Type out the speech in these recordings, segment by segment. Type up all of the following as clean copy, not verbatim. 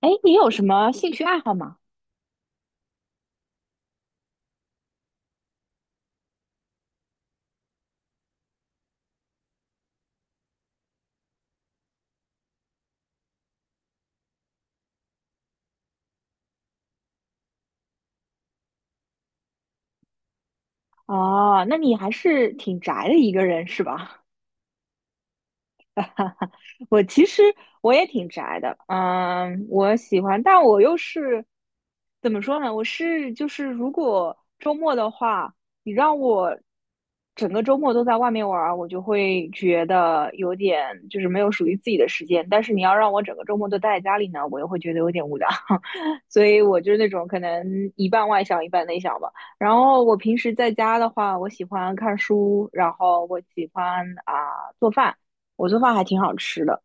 哎，你有什么兴趣爱好吗？哦，那你还是挺宅的一个人是吧？我其实我也挺宅的，嗯，我喜欢，但我又是怎么说呢？我是就是，如果周末的话，你让我整个周末都在外面玩儿，我就会觉得有点就是没有属于自己的时间。但是你要让我整个周末都待在家里呢，我又会觉得有点无聊，所以我就是那种可能一半外向一半内向吧。然后我平时在家的话，我喜欢看书，然后我喜欢啊、做饭。我做饭还挺好吃的，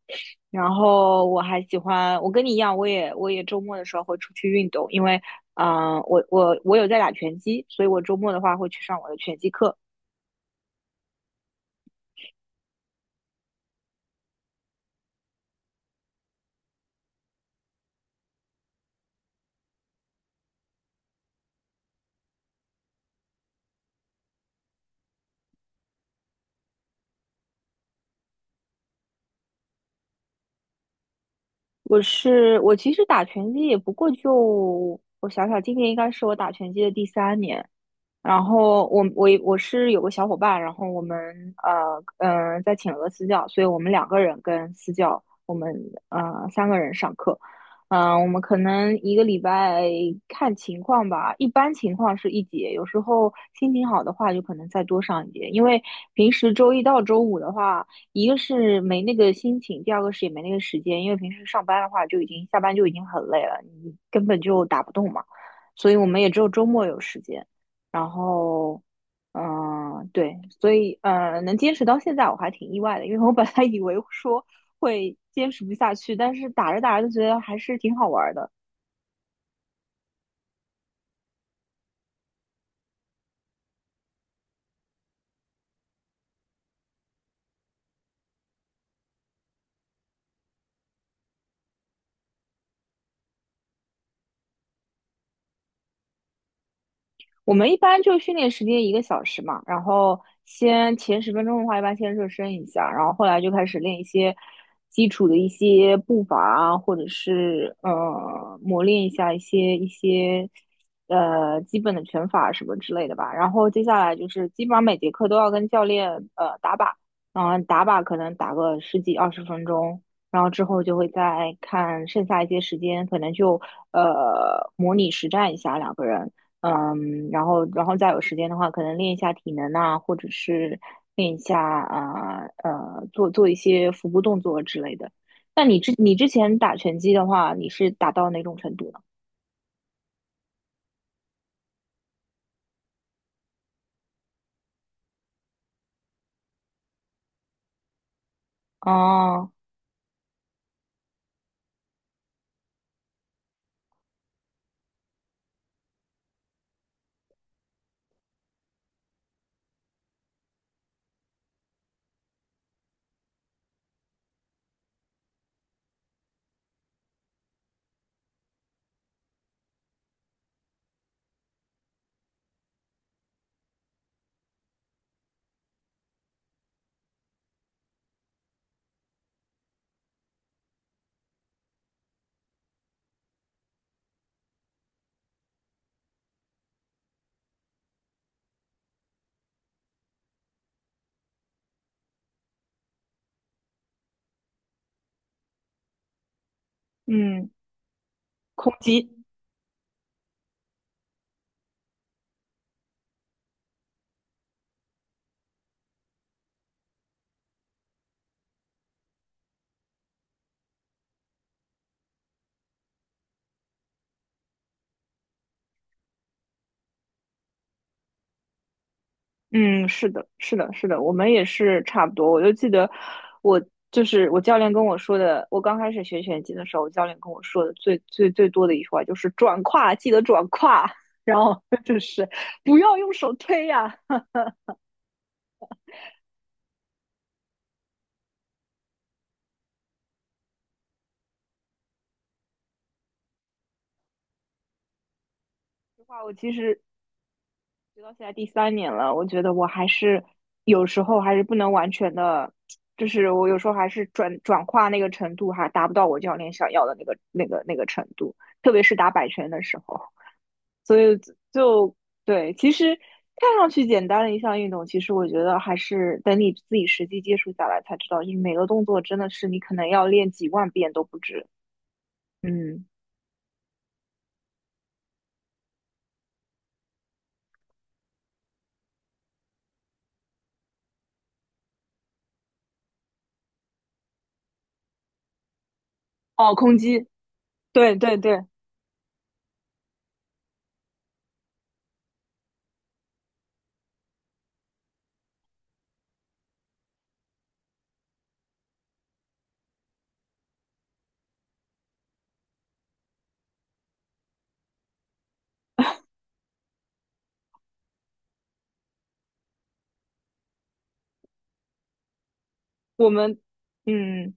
然后我还喜欢，我跟你一样，我也周末的时候会出去运动，因为，嗯、我有在打拳击，所以我周末的话会去上我的拳击课。我其实打拳击也不过就我想想，今年应该是我打拳击的第三年，然后我是有个小伙伴，然后我们呃在请了个私教，所以我们两个人跟私教，我们三个人上课，嗯、我们可能一个礼拜看情况吧，一般情况是一节，有时候心情好的话就可能再多上一节，因为平时周一到周五的话，一个是没那个心情，第二个是也没那个时间，因为平时上班的话就已经下班就已经很累了，你根本就打不动嘛，所以我们也只有周末有时间。然后，嗯、对，所以，能坚持到现在我还挺意外的，因为我本来以为说会坚持不下去，但是打着打着就觉得还是挺好玩儿的。我们一般就训练时间一个小时嘛，然后先前十分钟的话，一般先热身一下，然后后来就开始练一些基础的一些步伐啊，或者是磨练一下一些基本的拳法什么之类的吧。然后接下来就是基本上每节课都要跟教练打靶，然后打靶可能打个十几二十分钟。然后之后就会再看剩下一些时间，可能就模拟实战一下两个人，嗯，然后再有时间的话，可能练一下体能啊，或者是练一下做做一些腹部动作之类的。那你之前打拳击的话，你是打到哪种程度呢？哦，嗯，空击，嗯，是的，是的，是的，我们也是差不多。我就记得我就是我教练跟我说的，我刚开始学拳击的时候，我教练跟我说的最多的一句话就是转胯，记得转胯，然后就是不要用手推呀、实话，我其实直到现在第三年了，我觉得我还是有时候还是不能完全的，就是我有时候还是转化那个程度还达不到我教练想要的那个程度，特别是打摆拳的时候，所以就对，其实看上去简单的一项运动，其实我觉得还是等你自己实际接触下来才知道，就是每个动作真的是你可能要练几万遍都不止。嗯，哦，空击，对对对，我们嗯。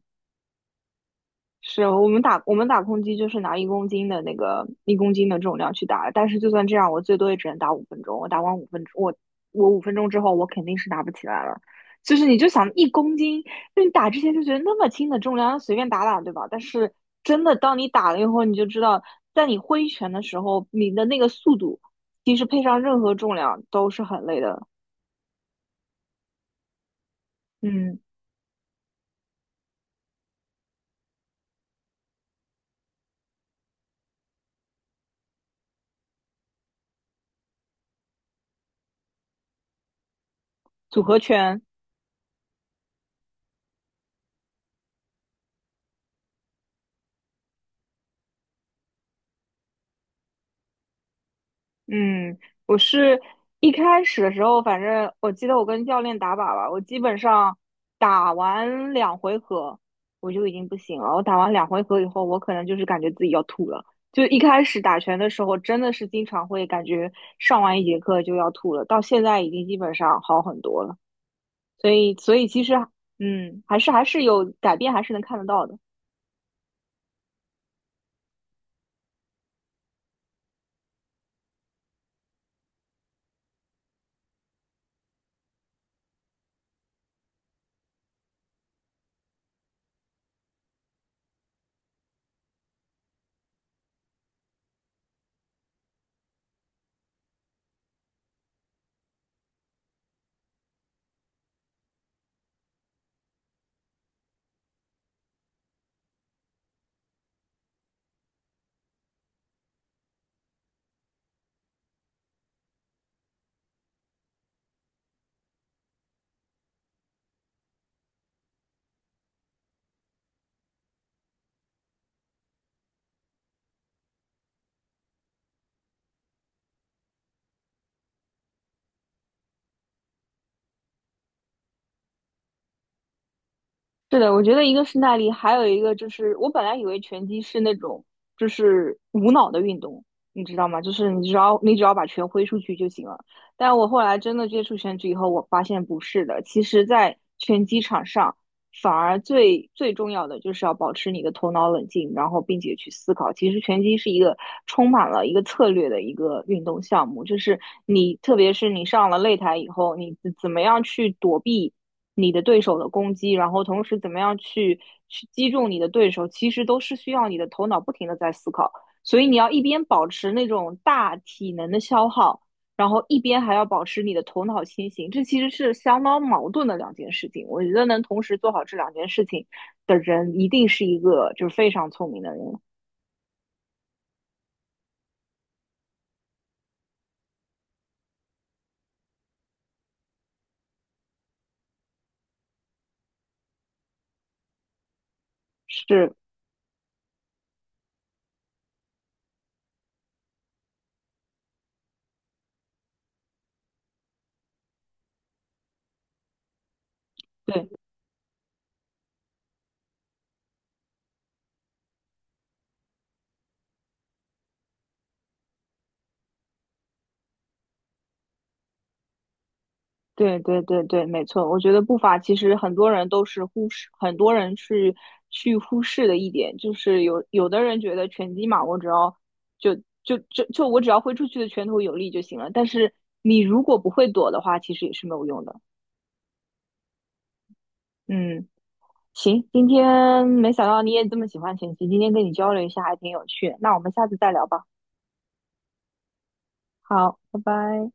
是我们打空击就是拿一公斤的一公斤的重量去打，但是就算这样，我最多也只能打五分钟。我打完五分钟，我五分钟之后，我肯定是打不起来了。就是你就想一公斤，就你打之前就觉得那么轻的重量随便打打，对吧？但是真的当你打了以后，你就知道，在你挥拳的时候，你的那个速度其实配上任何重量都是很累的。嗯，组合拳。嗯，我是一开始的时候，反正我记得我跟教练打靶吧，我基本上打完两回合我就已经不行了。我打完两回合以后，我可能就是感觉自己要吐了。就一开始打拳的时候，真的是经常会感觉上完一节课就要吐了，到现在已经基本上好很多了。所以，所以其实，嗯，还是有改变，还是能看得到的。是的，我觉得一个是耐力，还有一个就是我本来以为拳击是那种就是无脑的运动，你知道吗？就是你只要把拳挥出去就行了。但我后来真的接触拳击以后，我发现不是的。其实，在拳击场上，反而最重要的就是要保持你的头脑冷静，然后并且去思考。其实拳击是一个充满了一个策略的一个运动项目，就是你特别是你上了擂台以后，你怎么样去躲避。你的对手的攻击，然后同时怎么样去击中你的对手，其实都是需要你的头脑不停的在思考。所以你要一边保持那种大体能的消耗，然后一边还要保持你的头脑清醒，这其实是相当矛盾的两件事情。我觉得能同时做好这两件事情的人，一定是一个就是非常聪明的人。是，对。对对对对，没错。我觉得步伐其实很多人都是忽视，很多人是去忽视的一点，就是有的人觉得拳击嘛，我只要就就我只要挥出去的拳头有力就行了。但是你如果不会躲的话，其实也是没有用的。嗯，行，今天没想到你也这么喜欢拳击，今天跟你交流一下还挺有趣的那我们下次再聊吧。好，拜拜。